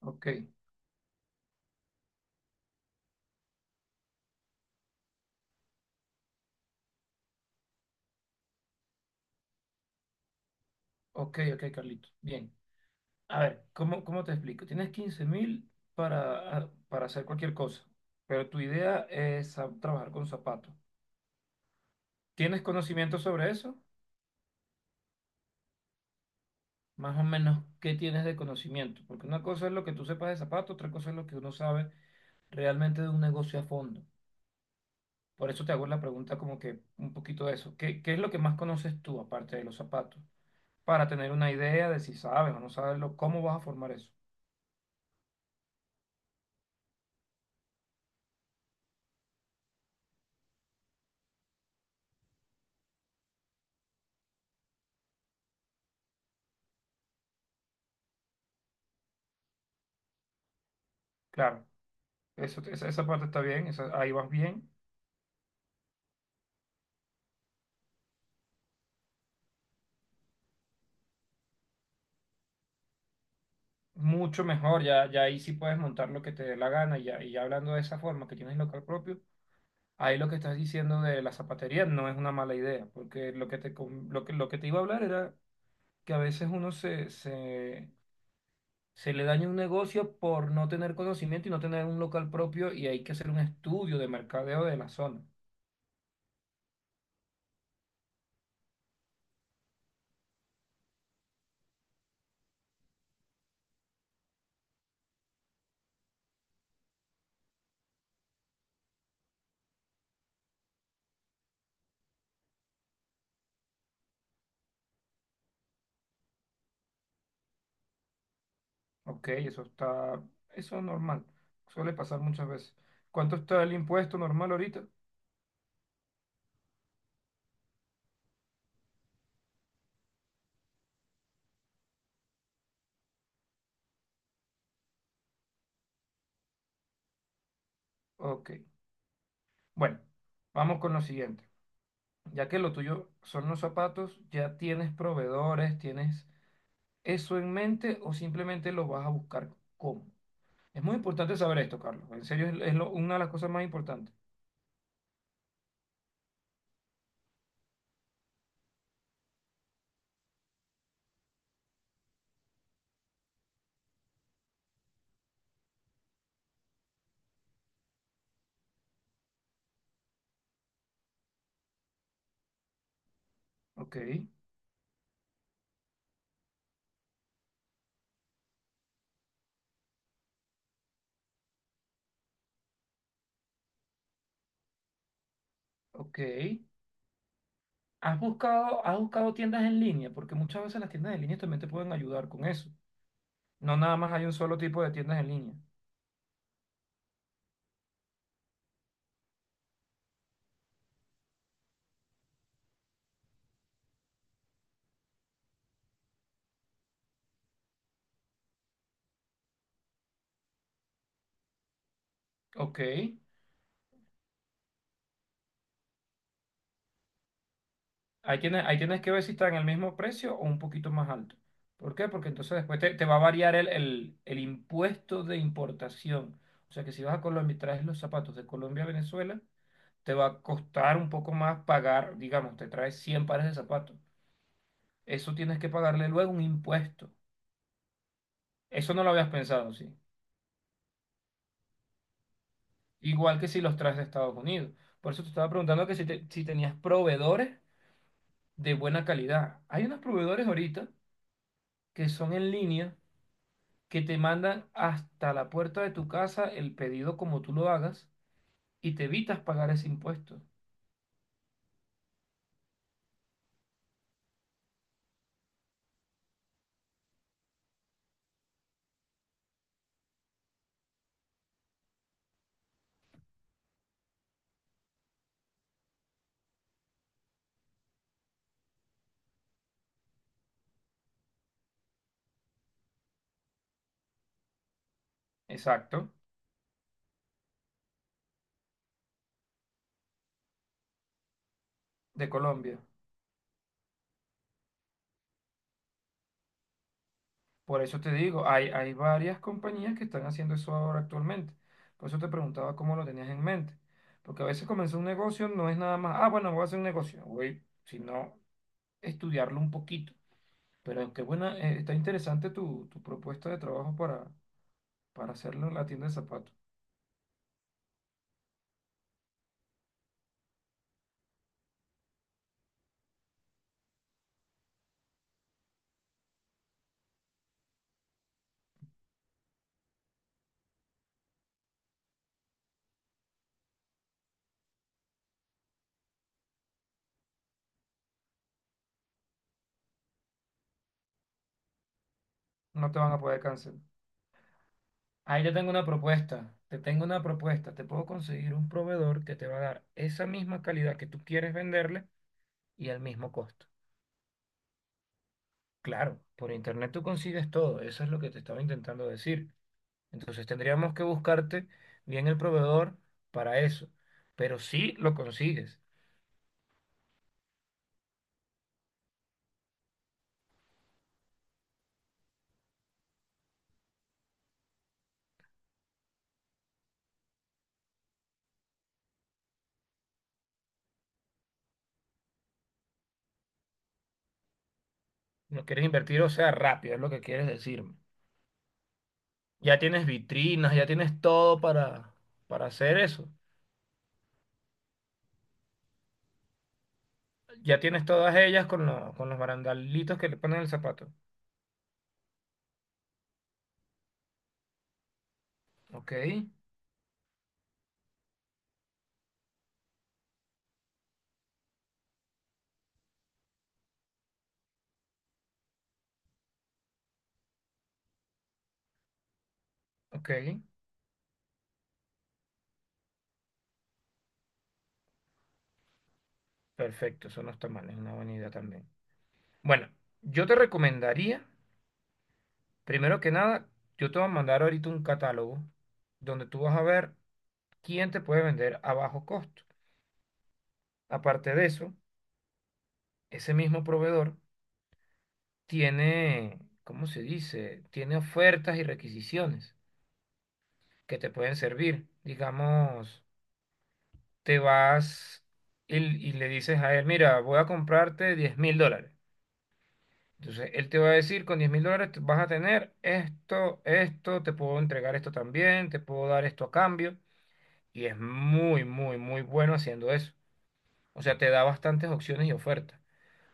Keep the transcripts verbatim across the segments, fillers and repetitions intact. Ok, ok, ok, Carlito. Bien. A ver, ¿cómo, cómo te explico? Tienes quince mil para, ah, para hacer cualquier cosa, pero tu idea es a- trabajar con zapatos. ¿Tienes conocimiento sobre eso? Más o menos, ¿qué tienes de conocimiento? Porque una cosa es lo que tú sepas de zapatos, otra cosa es lo que uno sabe realmente de un negocio a fondo. Por eso te hago la pregunta como que un poquito de eso. ¿Qué, qué es lo que más conoces tú aparte de los zapatos? Para tener una idea de si sabes o no sabes lo, cómo vas a formar eso. Claro. Eso, esa, esa parte está bien, esa- ahí vas bien, mucho mejor, ya, ya ahí sí puedes montar lo que te dé la gana y ya, y ya hablando de esa forma que tienes local propio, ahí lo que estás diciendo de la zapatería no es una mala idea, porque lo que te, com- lo que, lo que te iba a hablar era que a veces uno se, se, se le daña un negocio por no tener conocimiento y no tener un local propio y hay que hacer un estudio de mercadeo de la zona. Ok, eso está, eso es normal, suele pasar muchas veces. ¿Cuánto está el impuesto normal ahorita? Ok. Bueno, vamos con lo siguiente. Ya que lo tuyo son los zapatos, ¿ya tienes proveedores? ¿Tienes eso en mente o simplemente lo vas a buscar cómo? Es muy importante saber esto, Carlos. En serio, es, es lo- una de las cosas más importantes. Ok, ok. ¿Has buscado, has buscado tiendas en línea? Porque muchas veces las tiendas en línea también te pueden ayudar con eso. No nada más hay un solo tipo de tiendas en línea. Ok. Ahí tienes, ahí tienes que ver si está en el mismo precio o un poquito más alto. ¿Por qué? Porque entonces después te, te va a variar el, el- el impuesto de importación. O sea que si vas a Colombia y traes los zapatos de Colombia a Venezuela, te va a costar un poco más pagar, digamos, te traes cien pares de zapatos. Eso tienes que pagarle luego un impuesto. Eso no lo habías pensado, sí. Igual que si los traes de Estados Unidos. Por eso te estaba preguntando que si, te- si tenías proveedores de buena calidad. Hay unos proveedores ahorita que son en línea que te mandan hasta la puerta de tu casa el pedido como tú lo hagas y te evitas pagar ese impuesto. Exacto, de Colombia. Por eso te digo, hay, hay varias compañías que están haciendo eso ahora actualmente. Por eso te preguntaba cómo lo tenías en mente. Porque a veces comenzar un negocio no es nada más, ah, bueno, voy a hacer un negocio, voy, sino estudiarlo un poquito. Pero qué buena, eh, está interesante tu, tu propuesta de trabajo para, para hacerlo en la tienda de zapatos. No te van a poder cancelar. Ahí te tengo una propuesta, te tengo una propuesta, te puedo conseguir un proveedor que te va a dar esa misma calidad que tú quieres venderle y al mismo costo. Claro, por internet tú consigues todo, eso es lo que te estaba intentando decir. Entonces tendríamos que buscarte bien el proveedor para eso, pero sí lo consigues. No quieres invertir, o sea, rápido, es lo que quieres decirme. Ya tienes vitrinas, ya tienes todo para, para hacer eso. Ya tienes todas ellas con, lo- con los barandalitos que le ponen el zapato. Ok. Ok, perfecto, eso no está mal, es una buena idea también. Bueno, yo te recomendaría, primero que nada, yo te voy a mandar ahorita un catálogo donde tú vas a ver quién te puede vender a bajo costo. Aparte de eso, ese mismo proveedor tiene, ¿cómo se dice? Tiene ofertas y requisiciones que te pueden servir. Digamos, te vas y, y le dices a él, mira, voy a comprarte diez mil dólares. Entonces, él te va a decir, con diez mil dólares te- vas a tener esto, esto, te puedo entregar esto también, te puedo dar esto a cambio. Y es muy, muy, muy bueno haciendo eso. O sea, te da bastantes opciones y ofertas.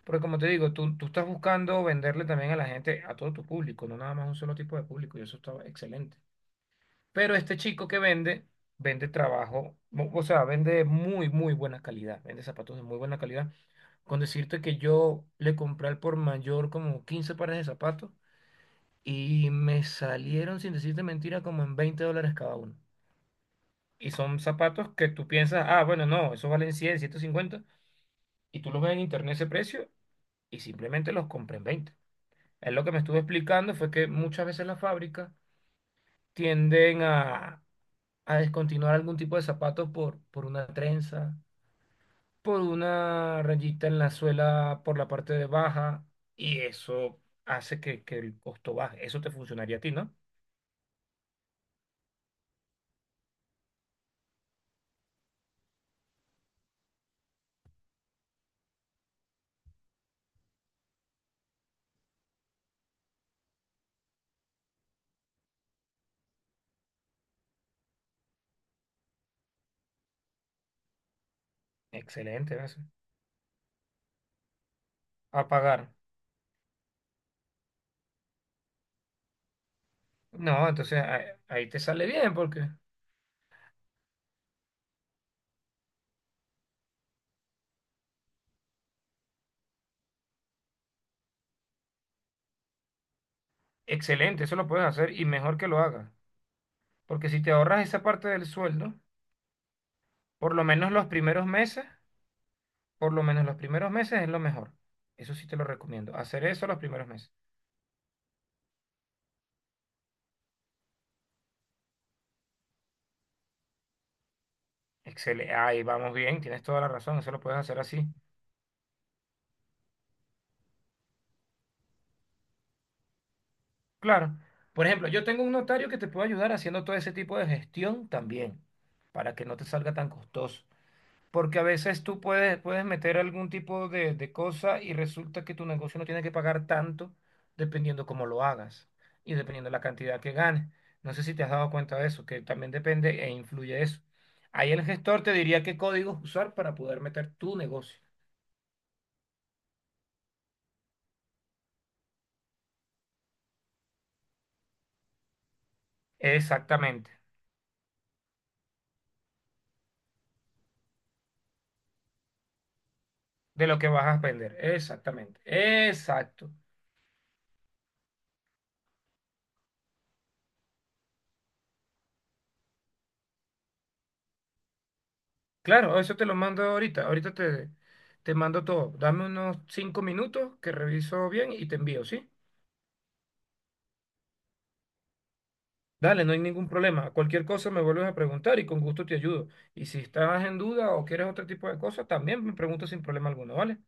Porque como te digo, tú, tú estás buscando venderle también a la gente, a todo tu público, no nada más a un solo tipo de público, y eso está excelente. Pero este chico que vende, vende trabajo, o o sea, vende muy, muy buena calidad, vende zapatos de muy buena calidad. Con decirte que yo le compré al por mayor como quince pares de zapatos y me salieron, sin decirte mentira, como en veinte dólares cada uno. Y son zapatos que tú piensas, ah, bueno, no, eso valen cien ciento cincuenta. Y tú los ves en internet ese precio y simplemente los compré en veinte. Él lo que me estuvo explicando fue que muchas veces las fábricas tienden a, a descontinuar algún tipo de zapatos por, por una trenza, por una rayita en la suela por la parte de baja. Y eso hace que, que el costo baje. Eso te funcionaría a ti, ¿no? Excelente, gracias. A pagar. No, entonces ahí, ahí te sale bien porque excelente, eso lo puedes hacer y mejor que lo hagas. Porque si te ahorras esa parte del sueldo, por lo menos los primeros meses, por lo menos los primeros meses es lo mejor. Eso sí te lo recomiendo, hacer eso los primeros meses. Excelente, ahí vamos bien, tienes toda la razón, eso lo puedes hacer así. Claro, por ejemplo, yo tengo un notario que te puede ayudar haciendo todo ese tipo de gestión también, para que no te salga tan costoso. Porque a veces tú puedes, puedes meter algún tipo de, de cosa y resulta que tu negocio no tiene que pagar tanto dependiendo cómo lo hagas y dependiendo la cantidad que ganes. No sé si te has dado cuenta de eso, que también depende e influye eso. Ahí el gestor te diría qué códigos usar para poder meter tu negocio. Exactamente. De lo que vas a vender. Exactamente. Exacto. Claro, eso te lo mando ahorita. Ahorita te, te mando todo. Dame unos cinco minutos que reviso bien y te envío, ¿sí? Dale, no hay ningún problema. Cualquier cosa me vuelves a preguntar y con gusto te ayudo. Y si estás en duda o quieres otro tipo de cosas, también me preguntas sin problema alguno, ¿vale?